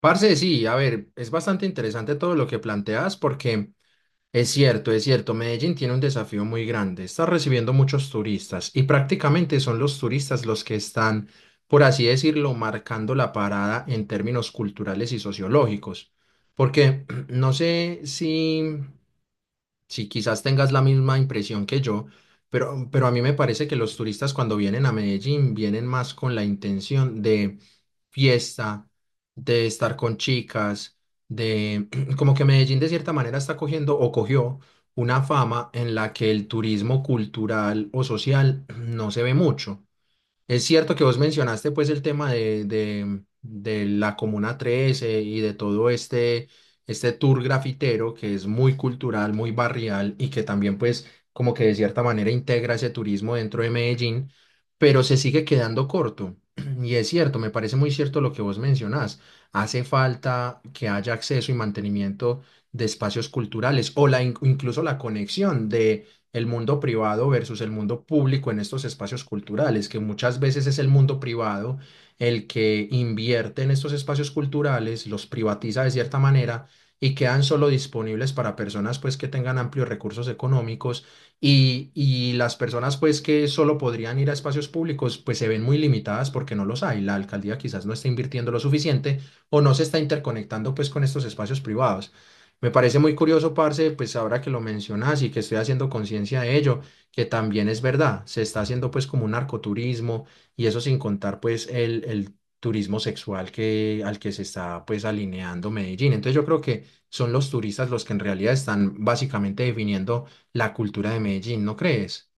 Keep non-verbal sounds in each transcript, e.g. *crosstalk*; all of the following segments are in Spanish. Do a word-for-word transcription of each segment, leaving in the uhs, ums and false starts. Parce, sí, a ver, es bastante interesante todo lo que planteas porque es cierto, es cierto, Medellín tiene un desafío muy grande, está recibiendo muchos turistas y prácticamente son los turistas los que están, por así decirlo, marcando la parada en términos culturales y sociológicos, porque *clears throat* no sé si sí, quizás tengas la misma impresión que yo, pero, pero a mí me parece que los turistas cuando vienen a Medellín vienen más con la intención de fiesta, de estar con chicas, de *clears throat* como que Medellín de cierta manera está cogiendo o cogió una fama en la que el turismo cultural o social *clears throat* no se ve mucho. Es cierto que vos mencionaste pues el tema de, de, de la Comuna trece y de todo este, este tour grafitero que es muy cultural, muy barrial y que también pues como que de cierta manera integra ese turismo dentro de Medellín, pero se sigue quedando corto. *clears throat* Y es cierto, me parece muy cierto lo que vos mencionás. Hace falta que haya acceso y mantenimiento de espacios culturales o la, in- incluso la conexión de el mundo privado versus el mundo público en estos espacios culturales, que muchas veces es el mundo privado el que invierte en estos espacios culturales, los privatiza de cierta manera y quedan solo disponibles para personas pues que tengan amplios recursos económicos y, y las personas pues que solo podrían ir a espacios públicos pues se ven muy limitadas porque no los hay. La alcaldía quizás no está invirtiendo lo suficiente o no se está interconectando pues con estos espacios privados. Me parece muy curioso, parce, pues ahora que lo mencionas y que estoy haciendo conciencia de ello, que también es verdad, se está haciendo pues como un narcoturismo y eso sin contar pues el, el turismo sexual que, al que se está pues alineando Medellín. Entonces yo creo que son los turistas los que en realidad están básicamente definiendo la cultura de Medellín, ¿no crees?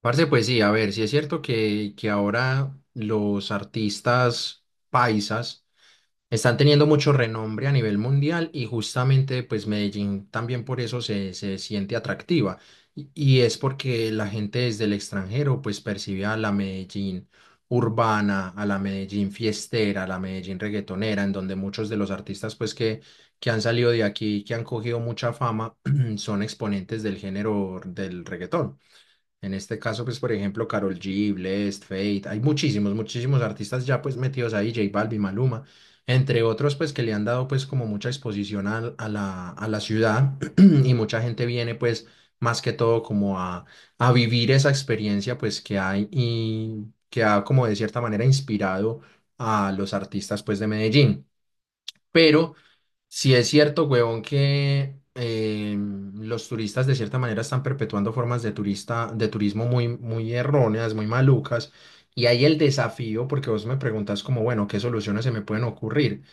Parce, pues sí, a ver, sí es cierto que, que ahora los artistas paisas están teniendo mucho renombre a nivel mundial y justamente pues Medellín también por eso se, se siente atractiva y, y es porque la gente desde el extranjero pues percibe a la Medellín urbana, a la Medellín fiestera, a la Medellín reggaetonera, en donde muchos de los artistas pues que, que han salido de aquí, que han cogido mucha fama, *clears throat* son exponentes del género del reggaetón. En este caso, pues, por ejemplo, Karol G, Blessd, Fate, hay muchísimos, muchísimos artistas ya pues metidos ahí, J Balvin, Maluma, entre otros, pues, que le han dado pues como mucha exposición al- a, la, a la ciudad *clears throat* y mucha gente viene pues más que todo como a, a vivir esa experiencia pues que hay y que ha como de cierta manera inspirado a los artistas pues de Medellín. Pero si es cierto, huevón, que eh, los turistas de cierta manera están perpetuando formas de turista, de turismo muy, muy erróneas, muy malucas. Y hay el desafío, porque vos me preguntas como, bueno, ¿qué soluciones se me pueden ocurrir?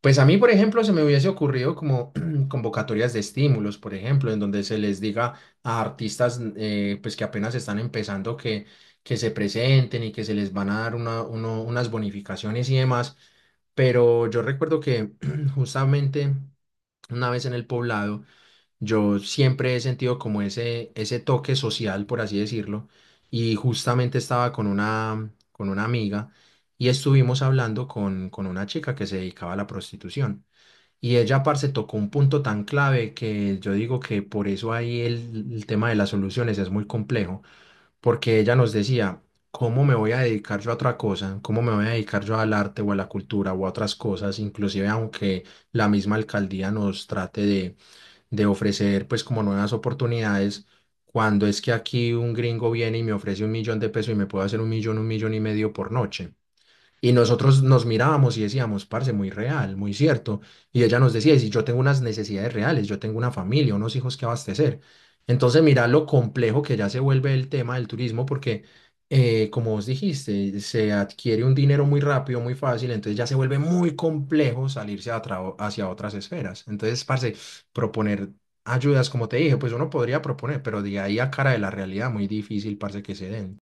Pues a mí, por ejemplo, se me hubiese ocurrido como *clears throat* convocatorias de estímulos, por ejemplo, en donde se les diga a artistas eh, pues que apenas están empezando que, que se presenten y que se les van a dar una- uno- unas bonificaciones y demás. Pero yo recuerdo que *clears throat* justamente una vez en el poblado, yo siempre he sentido como ese, ese toque social, por así decirlo, y justamente estaba con una, con una amiga y estuvimos hablando con, con una chica que se dedicaba a la prostitución. Y ella, parce, tocó un punto tan clave que yo digo que por eso ahí el, el tema de las soluciones es muy complejo, porque ella nos decía, ¿cómo me voy a dedicar yo a otra cosa? ¿Cómo me voy a dedicar yo al arte o a la cultura o a otras cosas? Inclusive aunque la misma alcaldía nos trate de de ofrecer pues como nuevas oportunidades, cuando es que aquí un gringo viene y me ofrece un millón de pesos y me puede hacer un millón, un millón y medio por noche. Y nosotros nos mirábamos y decíamos, parce, muy real, muy cierto. Y ella nos decía, y si yo tengo unas necesidades reales, yo tengo una familia, unos hijos que abastecer. Entonces, mira lo complejo que ya se vuelve el tema del turismo, porque, eh, como vos dijiste, se adquiere un dinero muy rápido, muy fácil, entonces ya se vuelve muy complejo salirse a tra- hacia otras esferas. Entonces, parce, proponer ayudas, como te dije, pues uno podría proponer, pero de ahí a cara de la realidad, muy difícil, parce, que se den.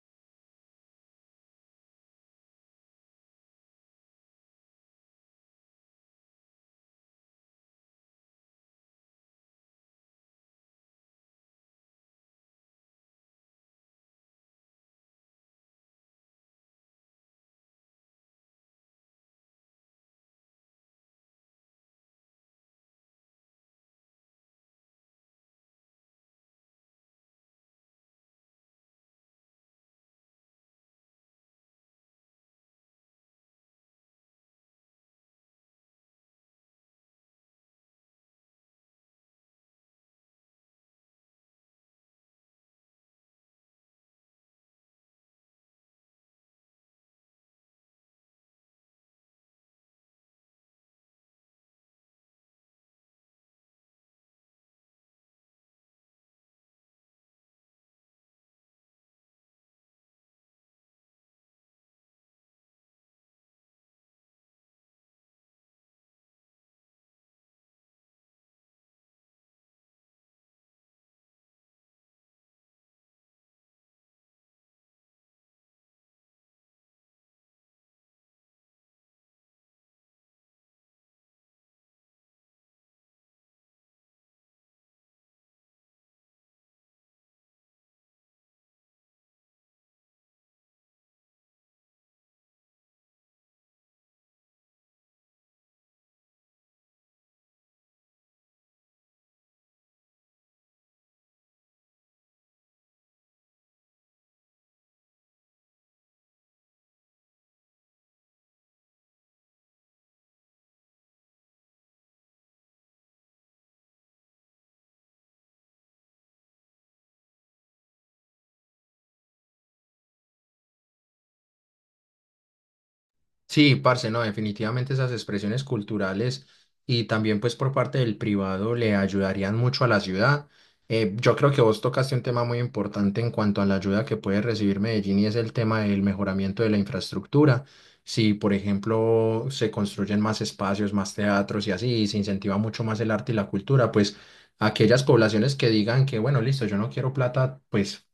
Sí, parce, no, definitivamente esas expresiones culturales y también pues por parte del privado le ayudarían mucho a la ciudad. Eh, yo creo que vos tocaste un tema muy importante en cuanto a la ayuda que puede recibir Medellín y es el tema del mejoramiento de la infraestructura. Si, por ejemplo, se construyen más espacios, más teatros y así, y se incentiva mucho más el arte y la cultura, pues aquellas poblaciones que digan que, bueno, listo, yo no quiero plata, pues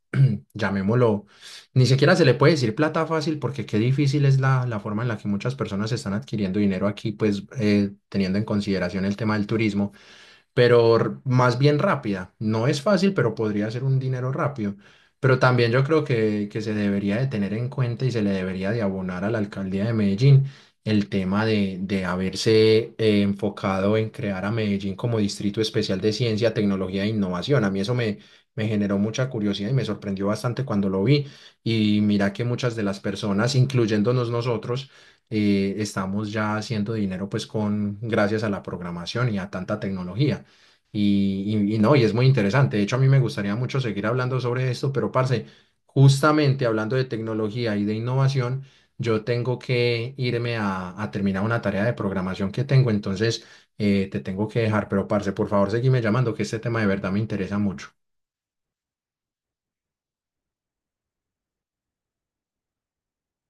llamémoslo, ni siquiera se le puede decir plata fácil porque qué difícil es la, la forma en la que muchas personas están adquiriendo dinero aquí, pues eh, teniendo en consideración el tema del turismo pero r- más bien rápida. No es fácil, pero podría ser un dinero rápido. Pero también yo creo que, que se debería de tener en cuenta y se le debería de abonar a la alcaldía de Medellín el tema de, de haberse eh, enfocado en crear a Medellín como distrito especial de ciencia, tecnología e innovación. A mí eso me, me generó mucha curiosidad y me sorprendió bastante cuando lo vi. Y mira que muchas de las personas, incluyéndonos nosotros, eh, estamos ya haciendo dinero pues con gracias a la programación y a tanta tecnología. Y, y- y no, y es muy interesante. De hecho, a mí me gustaría mucho seguir hablando sobre esto, pero parce, justamente hablando de tecnología y de innovación, yo tengo que irme a, a terminar una tarea de programación que tengo, entonces eh, te tengo que dejar, pero parce, por favor, seguime llamando, que este tema de verdad me interesa mucho.